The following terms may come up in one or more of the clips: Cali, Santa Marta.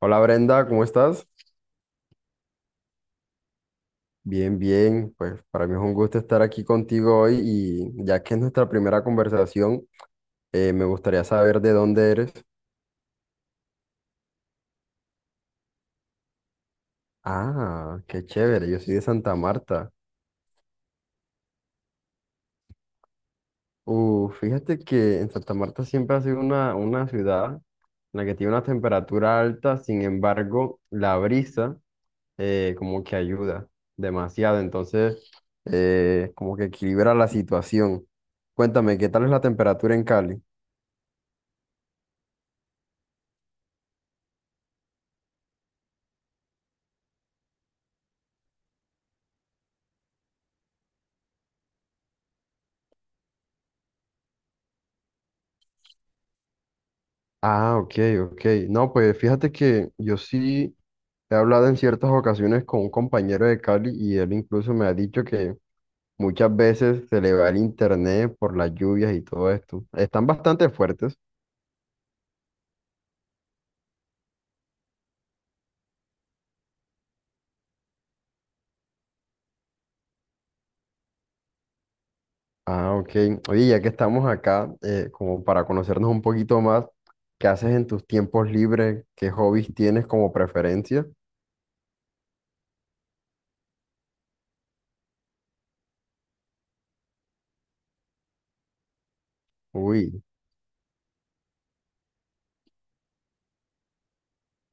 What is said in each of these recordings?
Hola Brenda, ¿cómo estás? Bien, bien, pues para mí es un gusto estar aquí contigo hoy y ya que es nuestra primera conversación, me gustaría saber de dónde eres. Ah, qué chévere, yo soy de Santa Marta. Fíjate que en Santa Marta siempre ha sido una ciudad en la que tiene una temperatura alta. Sin embargo, la brisa como que ayuda demasiado, entonces como que equilibra la situación. Cuéntame, ¿qué tal es la temperatura en Cali? Ah, ok, ok. No, pues fíjate que yo sí he hablado en ciertas ocasiones con un compañero de Cali y él incluso me ha dicho que muchas veces se le va el internet por las lluvias y todo esto. Están bastante fuertes. Ah, ok. Oye, ya que estamos acá, como para conocernos un poquito más, ¿qué haces en tus tiempos libres? ¿Qué hobbies tienes como preferencia? Uy.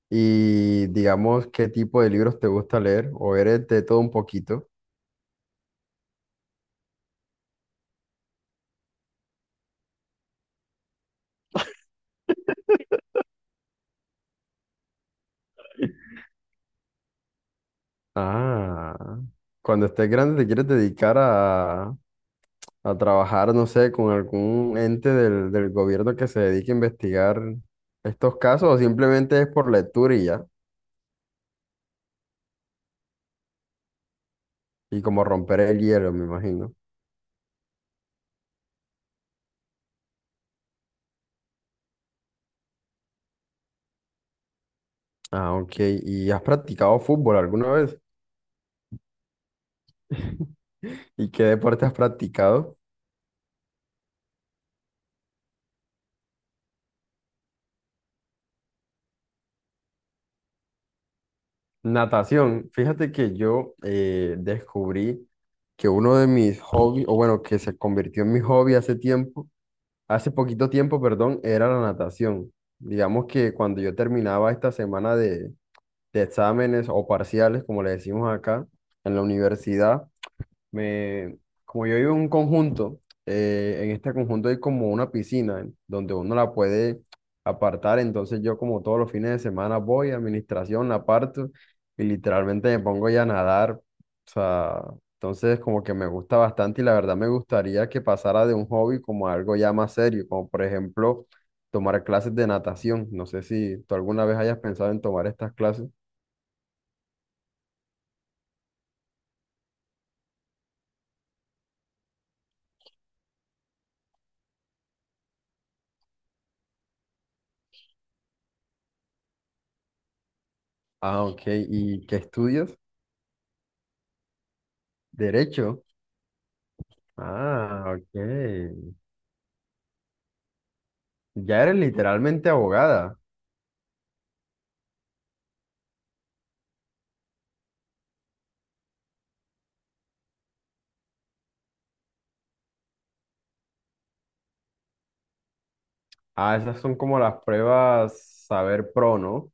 Y digamos, ¿qué tipo de libros te gusta leer? ¿O eres de todo un poquito? Ah, cuando estés grande te quieres dedicar a trabajar, no sé, con algún ente del gobierno que se dedique a investigar estos casos o simplemente es por lectura y ya, y como romper el hielo, me imagino. Ah, ok. ¿Y has practicado fútbol alguna vez? ¿Y qué deporte has practicado? Natación. Fíjate que yo descubrí que uno de mis hobbies, o bueno, que se convirtió en mi hobby hace tiempo, hace poquito tiempo, perdón, era la natación. Digamos que cuando yo terminaba esta semana de exámenes o parciales, como le decimos acá, en la universidad, me, como yo vivo en un conjunto, en este conjunto hay como una piscina donde uno la puede apartar, entonces yo como todos los fines de semana voy a administración, la aparto y literalmente me pongo ya a nadar, o sea, entonces como que me gusta bastante y la verdad me gustaría que pasara de un hobby como a algo ya más serio, como por ejemplo tomar clases de natación. No sé si tú alguna vez hayas pensado en tomar estas clases. Ah, ok, ¿y qué estudias? Derecho. Ah, ok. Ya eres literalmente abogada. Ah, esas son como las pruebas Saber Pro, ¿no?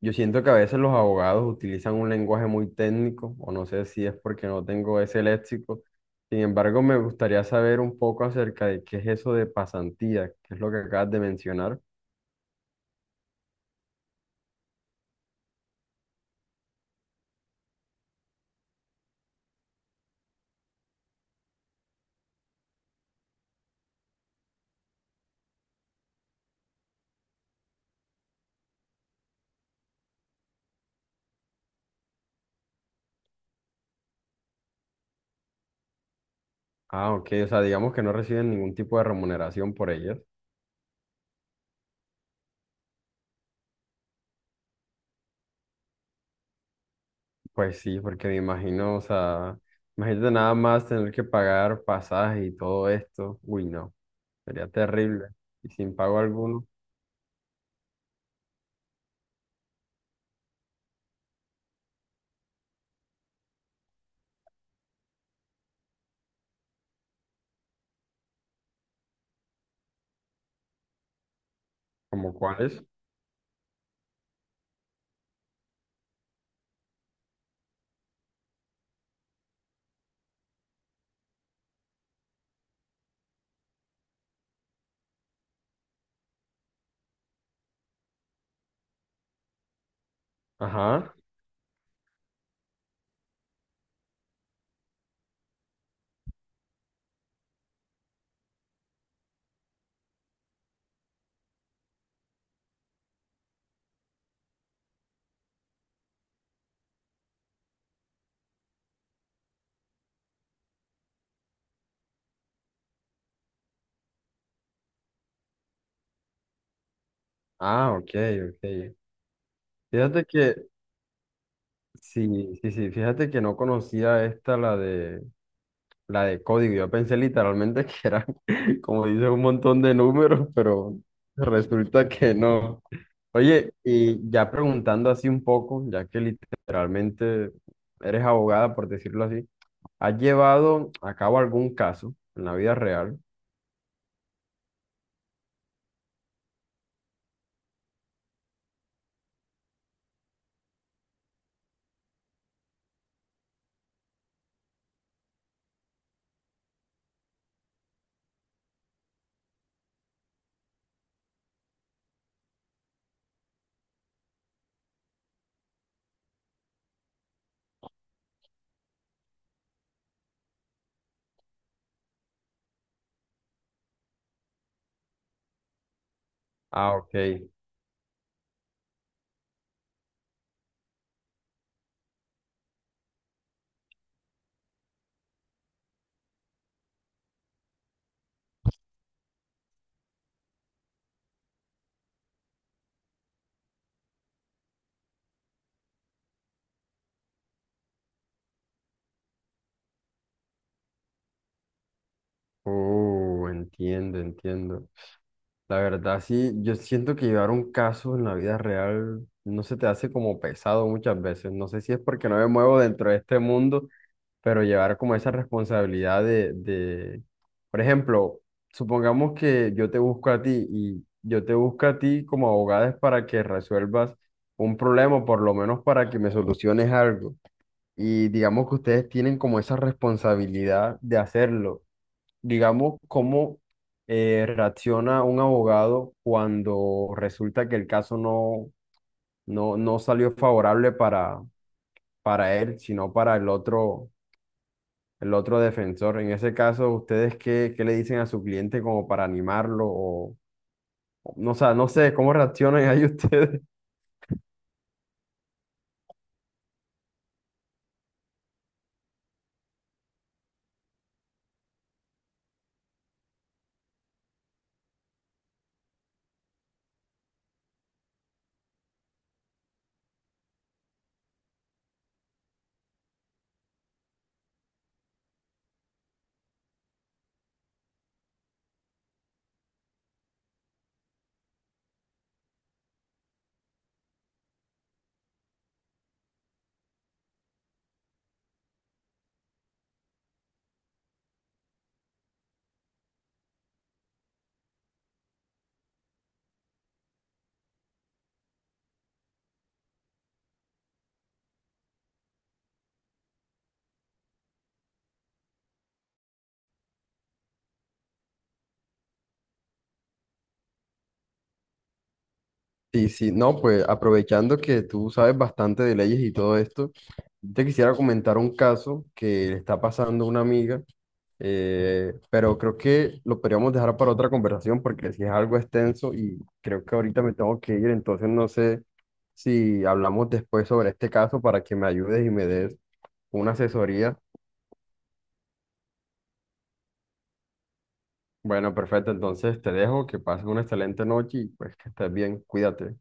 Yo siento que a veces los abogados utilizan un lenguaje muy técnico, o no sé si es porque no tengo ese léxico. Sin embargo, me gustaría saber un poco acerca de qué es eso de pasantía, que es lo que acabas de mencionar. Ah, ok, o sea, digamos que no reciben ningún tipo de remuneración por ellas. Pues sí, porque me imagino, o sea, imagínate nada más tener que pagar pasaje y todo esto. Uy, no. Sería terrible. Y sin pago alguno. ¿Como cuáles? Ajá. Ah, ok, ok. Fíjate que, sí, sí, sí, fíjate que no conocía esta, la de código. Yo pensé literalmente que era, como dice, un montón de números, pero resulta que no. Oye, y ya preguntando así un poco, ya que literalmente eres abogada, por decirlo así, ¿has llevado a cabo algún caso en la vida real? Ah, ok. Oh, entiendo, entiendo. La verdad, sí, yo siento que llevar un caso en la vida real no se te hace como pesado muchas veces. No sé si es porque no me muevo dentro de este mundo, pero llevar como esa responsabilidad de... Por ejemplo, supongamos que yo te busco a ti y yo te busco a ti como abogada es para que resuelvas un problema, o por lo menos para que me soluciones algo. Y digamos que ustedes tienen como esa responsabilidad de hacerlo, digamos, cómo reacciona un abogado cuando resulta que el caso no salió favorable para él, sino para el otro defensor. En ese caso, ¿ustedes qué, qué le dicen a su cliente como para animarlo? O no, o sea, no sé, ¿cómo reaccionan ahí ustedes? Sí, sí, no, pues aprovechando que tú sabes bastante de leyes y todo esto, te quisiera comentar un caso que le está pasando a una amiga, pero creo que lo podríamos dejar para otra conversación porque si es algo extenso y creo que ahorita me tengo que ir, entonces no sé si hablamos después sobre este caso para que me ayudes y me des una asesoría. Bueno, perfecto, entonces te dejo, que pases una excelente noche y pues que estés bien, cuídate.